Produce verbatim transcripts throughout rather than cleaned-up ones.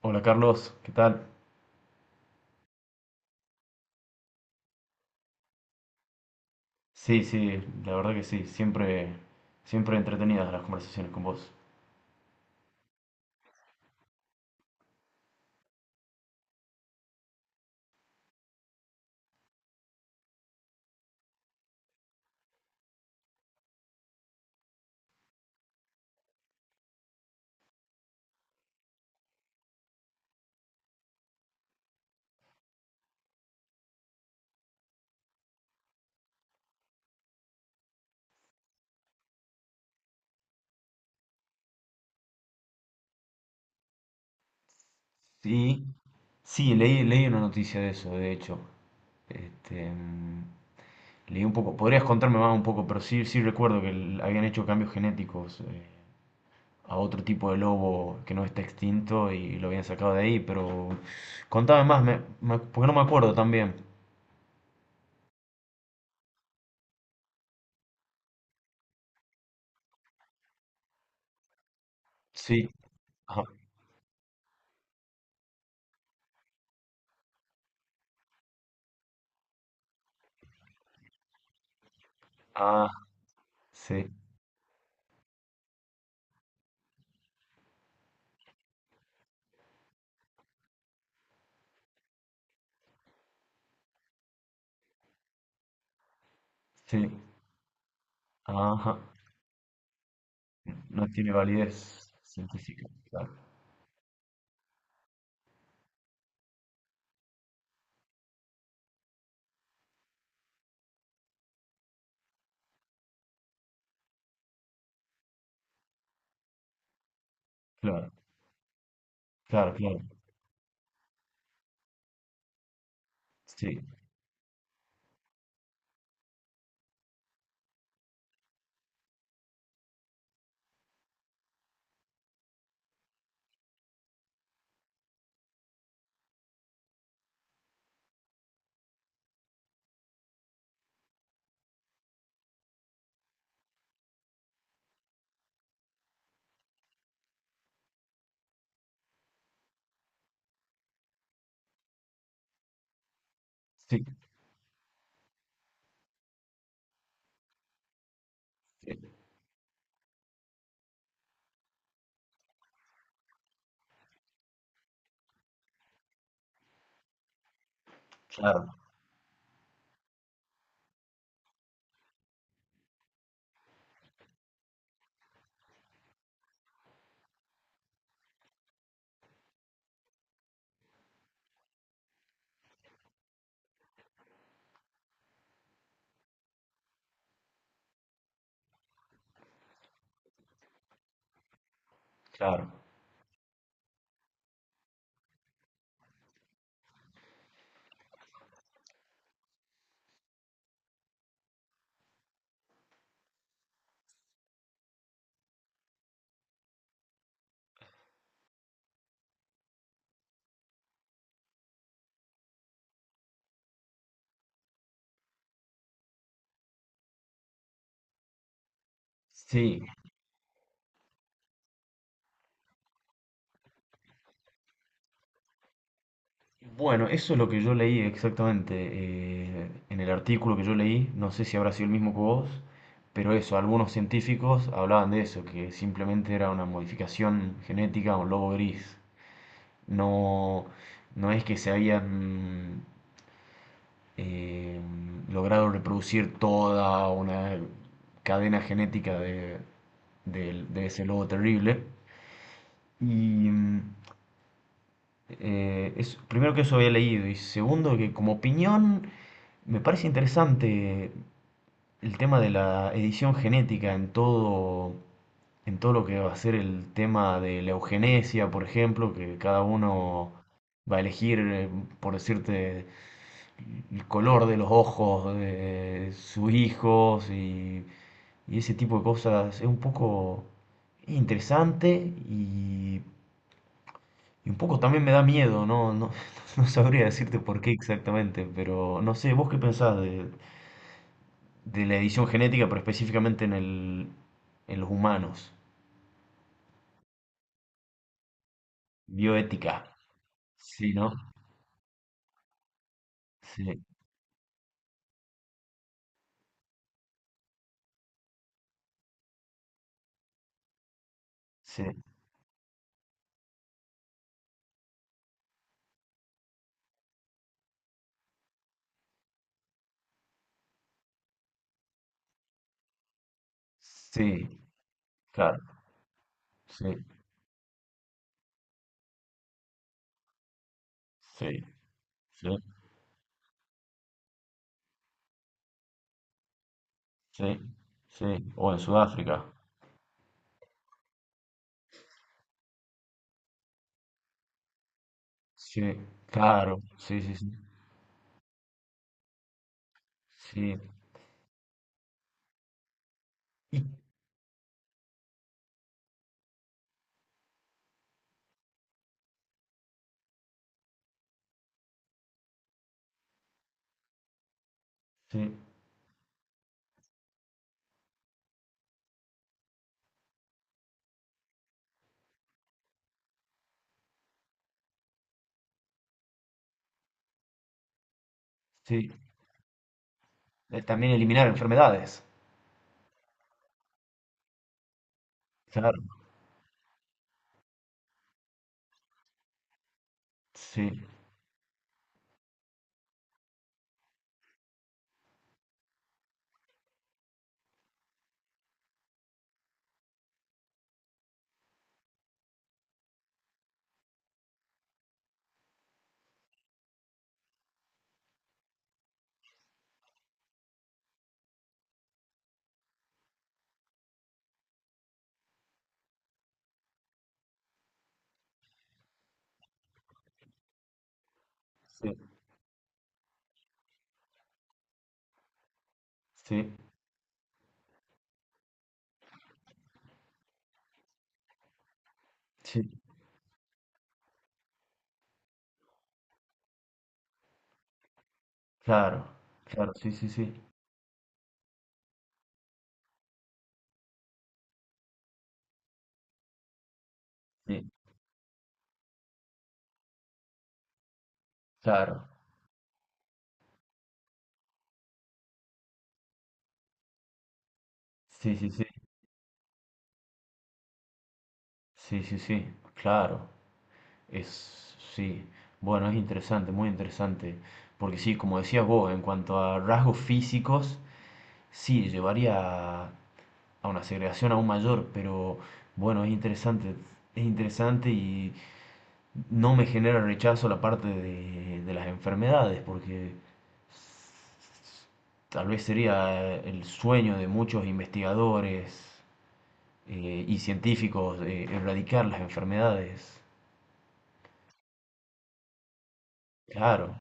Hola Carlos, ¿qué tal? Sí, sí, la verdad que sí, siempre, siempre entretenidas las conversaciones con vos. Sí, sí, leí, leí una noticia de eso, de hecho. Este, mm, leí un poco, podrías contarme más un poco, pero sí, sí recuerdo que el- habían hecho cambios genéticos eh, a otro tipo de lobo que no está extinto y lo habían sacado de ahí, pero contame más, me- me- porque no me acuerdo tan bien. Sí, ajá, ah, sí, sí, ajá. No tiene validez científica. Claro, claro, claro, claro. Sí, sí, sí, claro, claro. Sí. Bueno, eso es lo que yo leí exactamente eh, en el artículo que yo leí. No sé si habrá sido el mismo que vos, pero eso, algunos científicos hablaban de eso, que simplemente era una modificación genética a un lobo gris. No, no es que se habían eh, lograron reproducir toda una cadena genética de, del- de ese lobo terrible. Y mm, eh, es, primero que eso había leído y segundo que como opinión me parece interesante el tema de la edición genética en todo, en todo lo que va a ser el tema de la eugenesia, por ejemplo, que cada uno va a elegir, eh, por decirte, el color de los ojos de sus hijos y, y ese tipo de cosas es un poco interesante y, y un poco también me da miedo, ¿no? No, no sabría decirte por qué exactamente, pero no sé, ¿vos qué pensás de, de la edición genética, pero específicamente en el, en los humanos? Bioética. Sí, ¿no? Sí, sí, sí, claro, sí, sí, sí, sí, sí, o en Sudáfrica. Sí, claro, sí, sí, sí, sí, y- sí, sí. Eh, También eliminar enfermedades, claro, sí, sí, sí, sí, claro, claro, sí, sí, sí, sí, claro, sí, sí, sí, sí, sí, sí, claro, es, sí, bueno, es interesante, muy interesante, porque sí, como decías vos, en cuanto a rasgos físicos, sí, llevaría a a una segregación aún mayor, pero bueno, es interesante, es interesante y... No me genera rechazo la parte de, de las enfermedades, porque tal vez sería el sueño de muchos investigadores eh, y científicos eh, erradicar las enfermedades. Claro,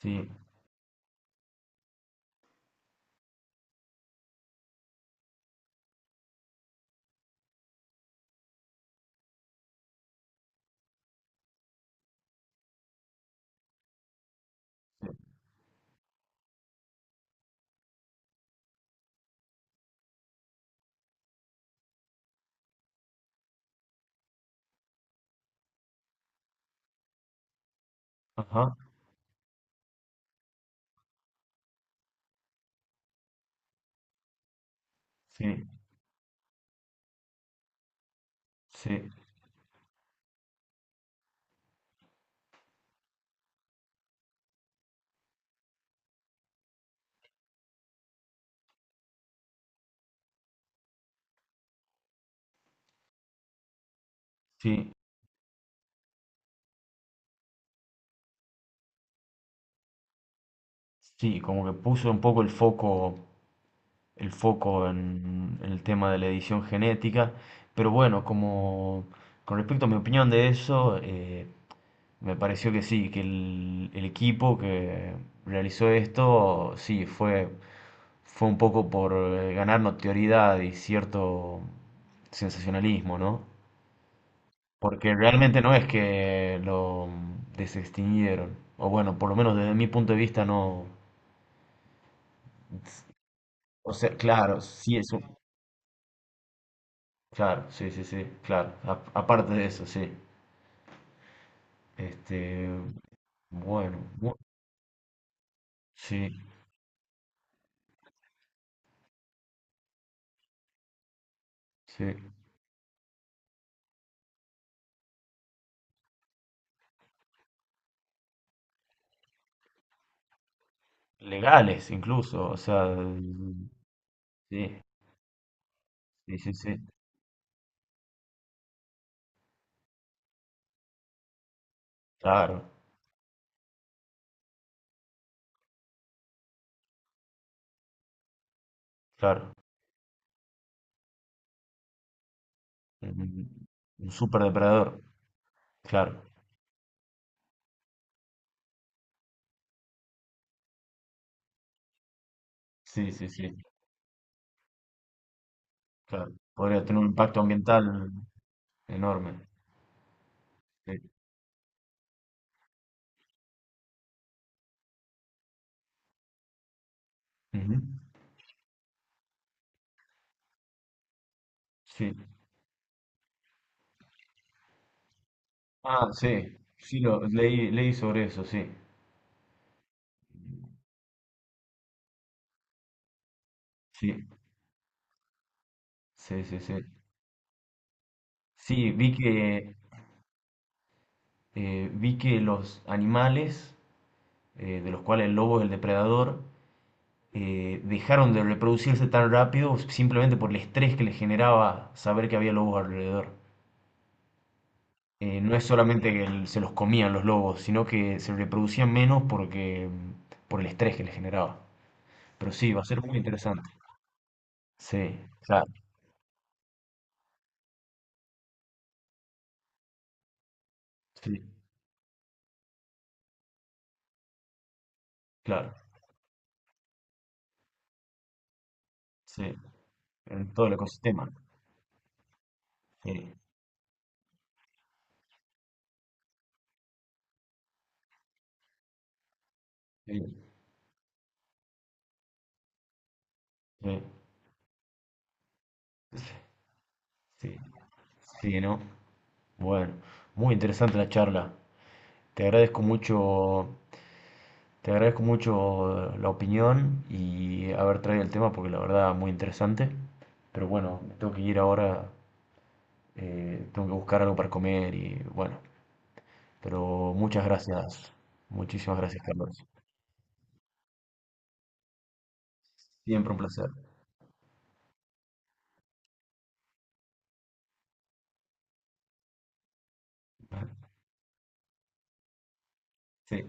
sí, ajá, sí, sí, sí, sí, como que puso un poco el foco el foco en, en el tema de la edición genética. Pero bueno, como con respecto a mi opinión de eso, eh, me pareció que sí, que el, el equipo que realizó esto, sí, fue, fue un poco por eh, ganar notoriedad y cierto sensacionalismo, ¿no? Porque realmente no es que lo desextinguieron. O bueno, por lo menos desde mi punto de vista no. O sea, claro, sí es un, claro, sí, sí, sí, claro. A- aparte de eso, sí. Este, bueno, bu- sí, sí. Legales incluso, o sea, mm, sí, sí, sí, sí. Claro, claro. Un, un superdepredador, claro. Sí, sí, sí, claro. Podría tener un impacto ambiental enorme. Sí. Ujú, sí. Ah, sí, sí, lo, leí, leí sobre eso, sí. Sí, sí, sí, sí. Sí, vi que eh, vi que los animales, eh, de los cuales el lobo es el depredador, eh, dejaron de reproducirse tan rápido simplemente por el estrés que les generaba saber que había lobos alrededor. Eh, no es solamente que el- se los comían los lobos, sino que se reproducían menos porque mm, por el estrés que les generaba. Pero sí, va a ser muy interesante. Sí, claro, sí, claro, sí, en todo el ecosistema. Sí, sí, sí, sí, sí, ¿no? Bueno, muy interesante la charla. Te agradezco mucho, te agradezco mucho la opinión y haber traído el tema porque la verdad muy interesante. Pero bueno, me tengo que ir ahora, eh, tengo que buscar algo para comer y bueno. Pero muchas gracias, muchísimas gracias, Carlos. Siempre un placer. Sí,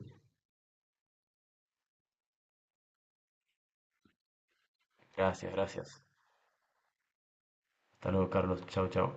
gracias, gracias. Hasta luego, Carlos. Chao, chao.